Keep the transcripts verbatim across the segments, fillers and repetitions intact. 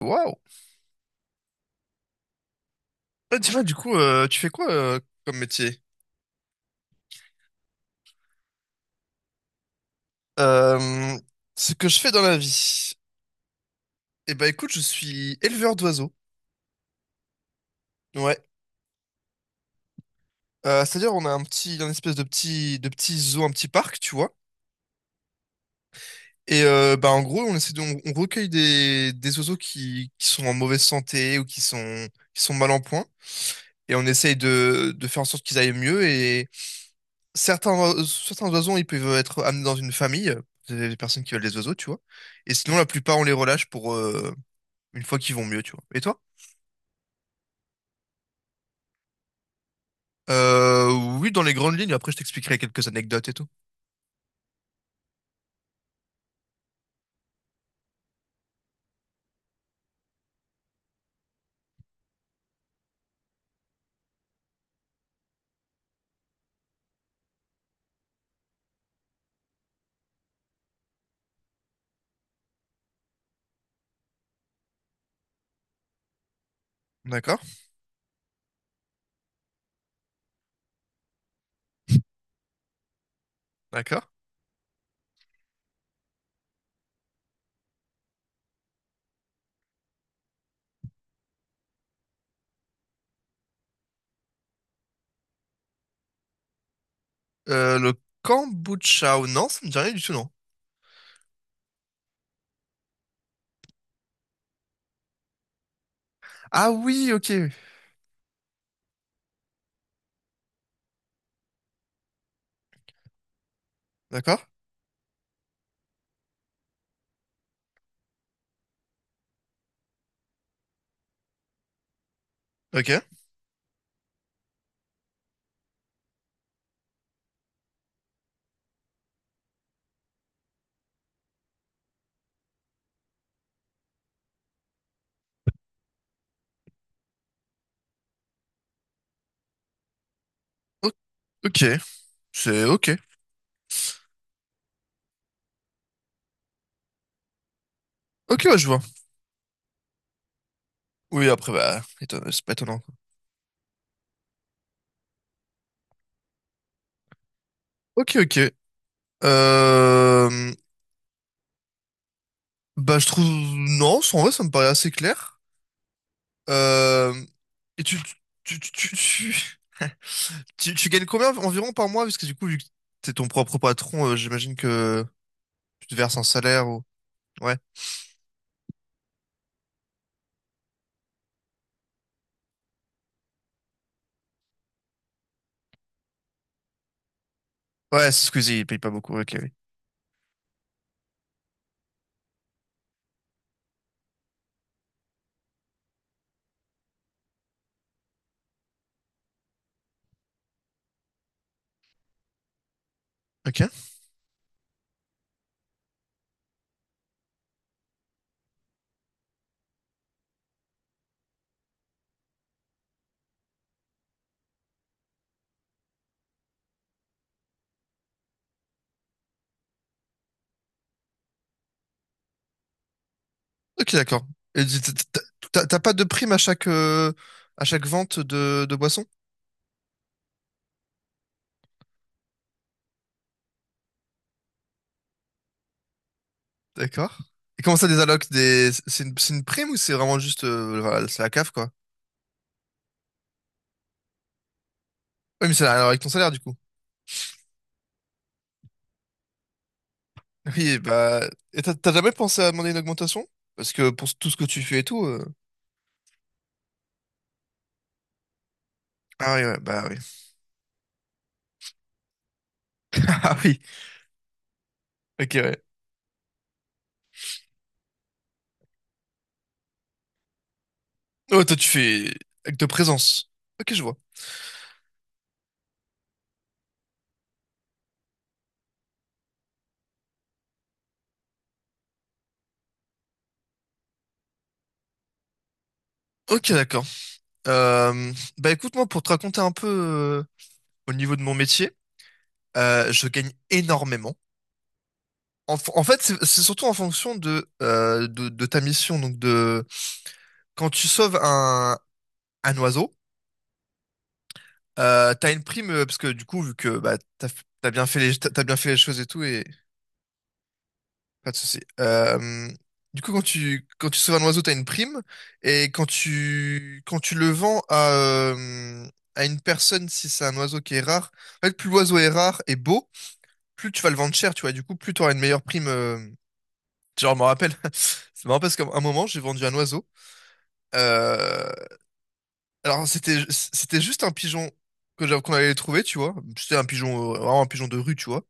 Waouh! Ah, dis-moi, du coup, euh, tu fais quoi euh, comme métier? Euh, Ce que je fais dans la vie. Eh ben, écoute, je suis éleveur d'oiseaux. Ouais. Euh, c'est-à-dire, on a un petit, un espèce de petit, de petit zoo, un petit parc, tu vois. Et euh, bah, en gros, on essaie de, on, on recueille des, des oiseaux qui, qui sont en mauvaise santé ou qui sont, qui sont mal en point. Et on essaye de, de faire en sorte qu'ils aillent mieux. Et certains, oise- certains oiseaux, ils peuvent être amenés dans une famille, euh, des des personnes qui veulent des oiseaux, tu vois. Et sinon, la plupart, on les relâche pour, euh, une fois qu'ils vont mieux, tu vois. Et toi? Euh, oui, dans les grandes lignes, après je t'expliquerai quelques anecdotes et tout. D'accord? D'accord. Euh, le kombucha, ou non, ça me dit rien du tout, non. Ah oui, ok. D'accord? Ok. O- ok. C'est ok. Ok, ouais, je vois. Oui, après, bah, éton- c'est pas étonnant, quoi. Ok, ok. Euh, Bah, je trouve, non, en vrai, ça me paraît assez clair. Euh, et tu, tu, tu, tu, tu, tu, tu gagnes combien environ par mois? Parce que du coup, vu que t'es ton propre patron, euh, j'imagine que tu te verses un salaire. Ou... Ouais. Ouais, excusez Squeezie, il paye pas beaucoup. Ok, oui. Ok. Ok, d'accord. Et t- t- t- T'as t'as pas de prime à chaque, euh, à chaque vente de, de boisson? D'accord. Et comment ça, des allocs, des... c'est une, c'est une prime ou c'est vraiment juste, euh, voilà, c'est la CAF, quoi? Oui, mais c'est la- avec ton salaire, du coup. Oui, bah, et t'as t'as jamais pensé à demander une augmentation? Parce que pour tout ce que tu fais et tout. euh, Ah oui, ouais, bah oui. Ah oui. Ok, ouais. Oh, toi, tu fais acte de présence. Ok, je vois. Ok, d'accord. Euh, bah écoute, moi, pour te raconter un peu euh, au niveau de mon métier, euh, je gagne énormément. En, f- en fait, c'est c'est surtout en fonction de, euh, de, de ta mission. Donc, de quand tu sauves un, un oiseau, euh, t'as une prime euh, parce que du coup, vu que bah t'as, f- t'as bien fait les, t'as t'as bien fait les choses et tout, et pas de souci. Euh, du coup, quand tu quand tu sauves un oiseau, t'as une prime, et quand tu quand tu le vends à euh, à une personne, si c'est un oiseau qui est rare, en fait, plus l'oiseau est rare et beau. Plus tu vas le vendre cher, tu vois. Du coup, plus tu auras une meilleure prime. euh, Genre, je me rappelle, c'est marrant parce qu'à un moment, j'ai vendu un oiseau. Euh, Alors, c'était c'était juste un pigeon que j'avais- qu'on allait trouver, tu vois. C'était un pigeon, euh, vraiment un pigeon de rue, tu vois.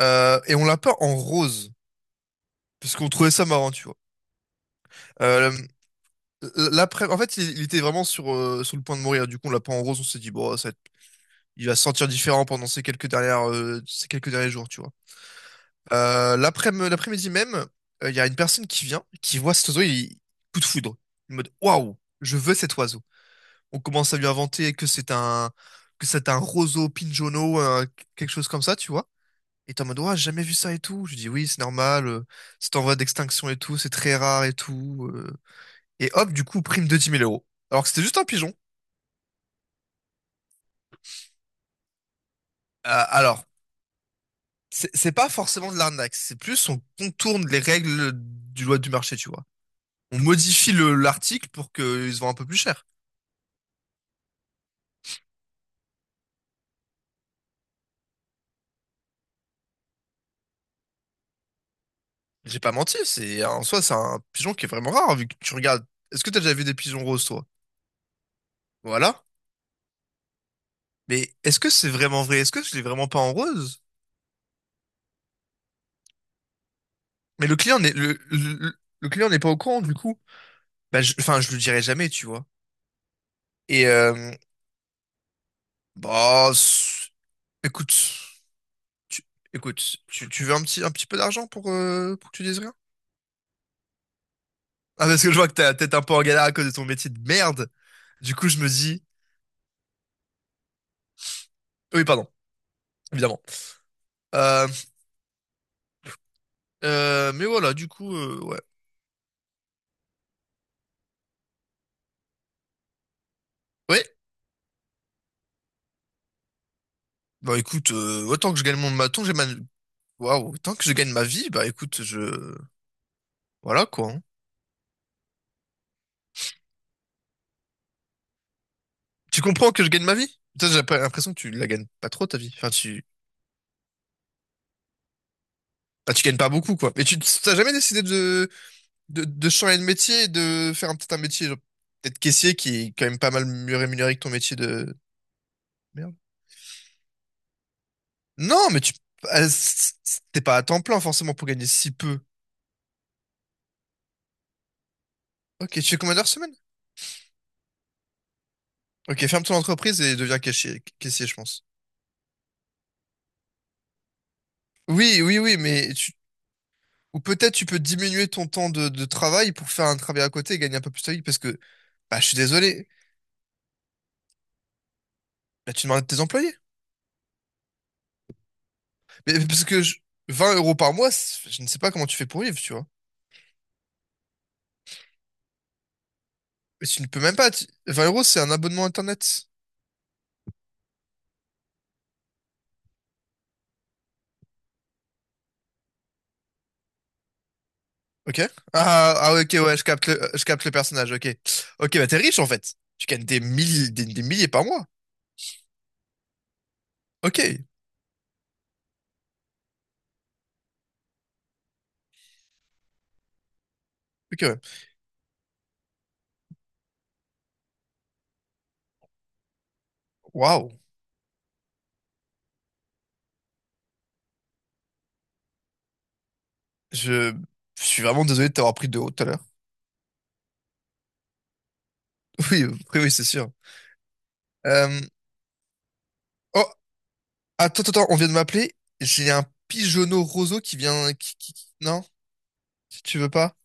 Euh, Et on l'a peint en rose, parce qu'on trouvait ça marrant, tu vois. Euh, L'après, en fait, il, il était vraiment sur, euh, sur le point de mourir. Du coup, on l'a peint en rose, on s'est dit, bon, ça va être- il va se sentir différent pendant ces quelques dernières, euh, ces quelques derniers jours, tu vois. Euh, l'après- l'après-midi même, euh, il y a une personne qui vient, qui voit cet oiseau, il coup de foudre. En mode waouh, je veux cet oiseau. On commence à lui inventer que c'est un que c'est un roseau pinjono, euh, quelque chose comme ça, tu vois. Et t'es en mode ouah, j'ai jamais vu ça et tout. Je dis oui, c'est normal, euh, c'est en voie d'extinction et tout, c'est très rare et tout. euh. Et hop, du coup, prime de dix mille euros. Alors que c'était juste un pigeon. Euh, alors, c'est c'est pas forcément de l'arnaque, c'est plus on contourne les règles du loi du marché, tu vois. On modifie le- l'article pour qu'il se vende un peu plus cher. J'ai pas menti, c'est en soi c'est un pigeon qui est vraiment rare vu que tu regardes. Est-ce que t'as déjà vu des pigeons roses, toi? Voilà. Mais est-ce que c'est vraiment vrai? Est-ce que je l'ai vraiment pas en rose? Mais le client n'est le, le, le client n'est pas au courant du coup. Bah, je, enfin, je le dirai jamais, tu vois. Et euh, bah, c'est- écoute, tu, écoute, tu, tu veux un petit un petit peu d'argent pour euh, pour que tu dises rien? Ah, parce que je vois que t'as peut-être un peu en galère à cause de ton métier de merde. Du coup, je me dis. Oui, pardon, évidemment. Euh, Euh, mais voilà, du coup, euh, ouais. Ouais, bah écoute, euh, autant que je gagne mon maton, j'ai ma. Waouh, autant que je gagne ma vie, bah écoute, je. Voilà, quoi. Hein. Tu comprends que je gagne ma vie? Putain, J'ai pas- l'impression que tu la gagnes pas trop, ta vie. Enfin, tu. Bah, tu gagnes pas beaucoup, quoi. Mais tu t'as jamais décidé de, de, de changer de métier et de faire un- peut-être un métier, genre, peut-être caissier, qui est quand même pas mal mieux rémunéré que ton métier de. Merde. Non, mais tu. Ah, c- c- t'es pas à temps plein, forcément, pour gagner si peu. Ok, tu fais combien d'heures semaine? Ok, ferme ton entreprise et deviens caissier, caissier, je pense. Oui, oui, oui, mais tu. Ou peut-être tu peux diminuer ton temps de, de travail pour faire un travail à côté et gagner un peu plus ta vie parce que, bah, je suis désolé, là, tu demandes à tes employés. Mais mais parce que je- vingt euros par mois, c'est- je ne sais pas comment tu fais pour vivre, tu vois. Mais tu ne peux même pas. tu- vingt euros, c'est un abonnement Internet. Ok? Ah, ah, ok, ouais, je capte le, je capte le, personnage, ok. Ok, bah, t'es riche en fait. Tu gagnes des milliers, des, des milliers par mois. Ok, ok, ouais. Waouh. Je... je suis vraiment désolé de t'avoir pris de haut tout à l'heure. Oui, oui, oui, c'est sûr. Euh... oh, attends, attends, attends, on vient de m'appeler. J'ai un pigeonneau roseau qui vient. Qui, qui- qui- Non, si tu veux pas.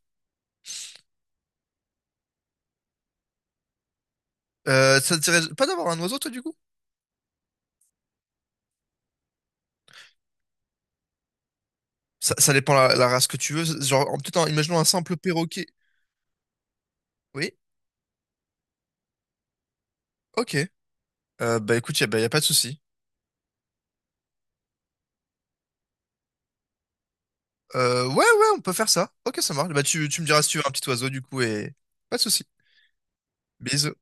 Euh, ça te dirait pas d'avoir un oiseau, toi, du coup? Ça, ça dépend la, la race que tu veux. Genre, en- peut-être, en- imaginons un simple perroquet. Oui, ok. Euh, bah écoute, y a, bah, y a pas de souci. Euh, ouais, ouais, on peut faire ça. Ok, ça marche. Bah tu, tu me diras si tu veux un petit oiseau, du coup, et pas de souci. Bisous.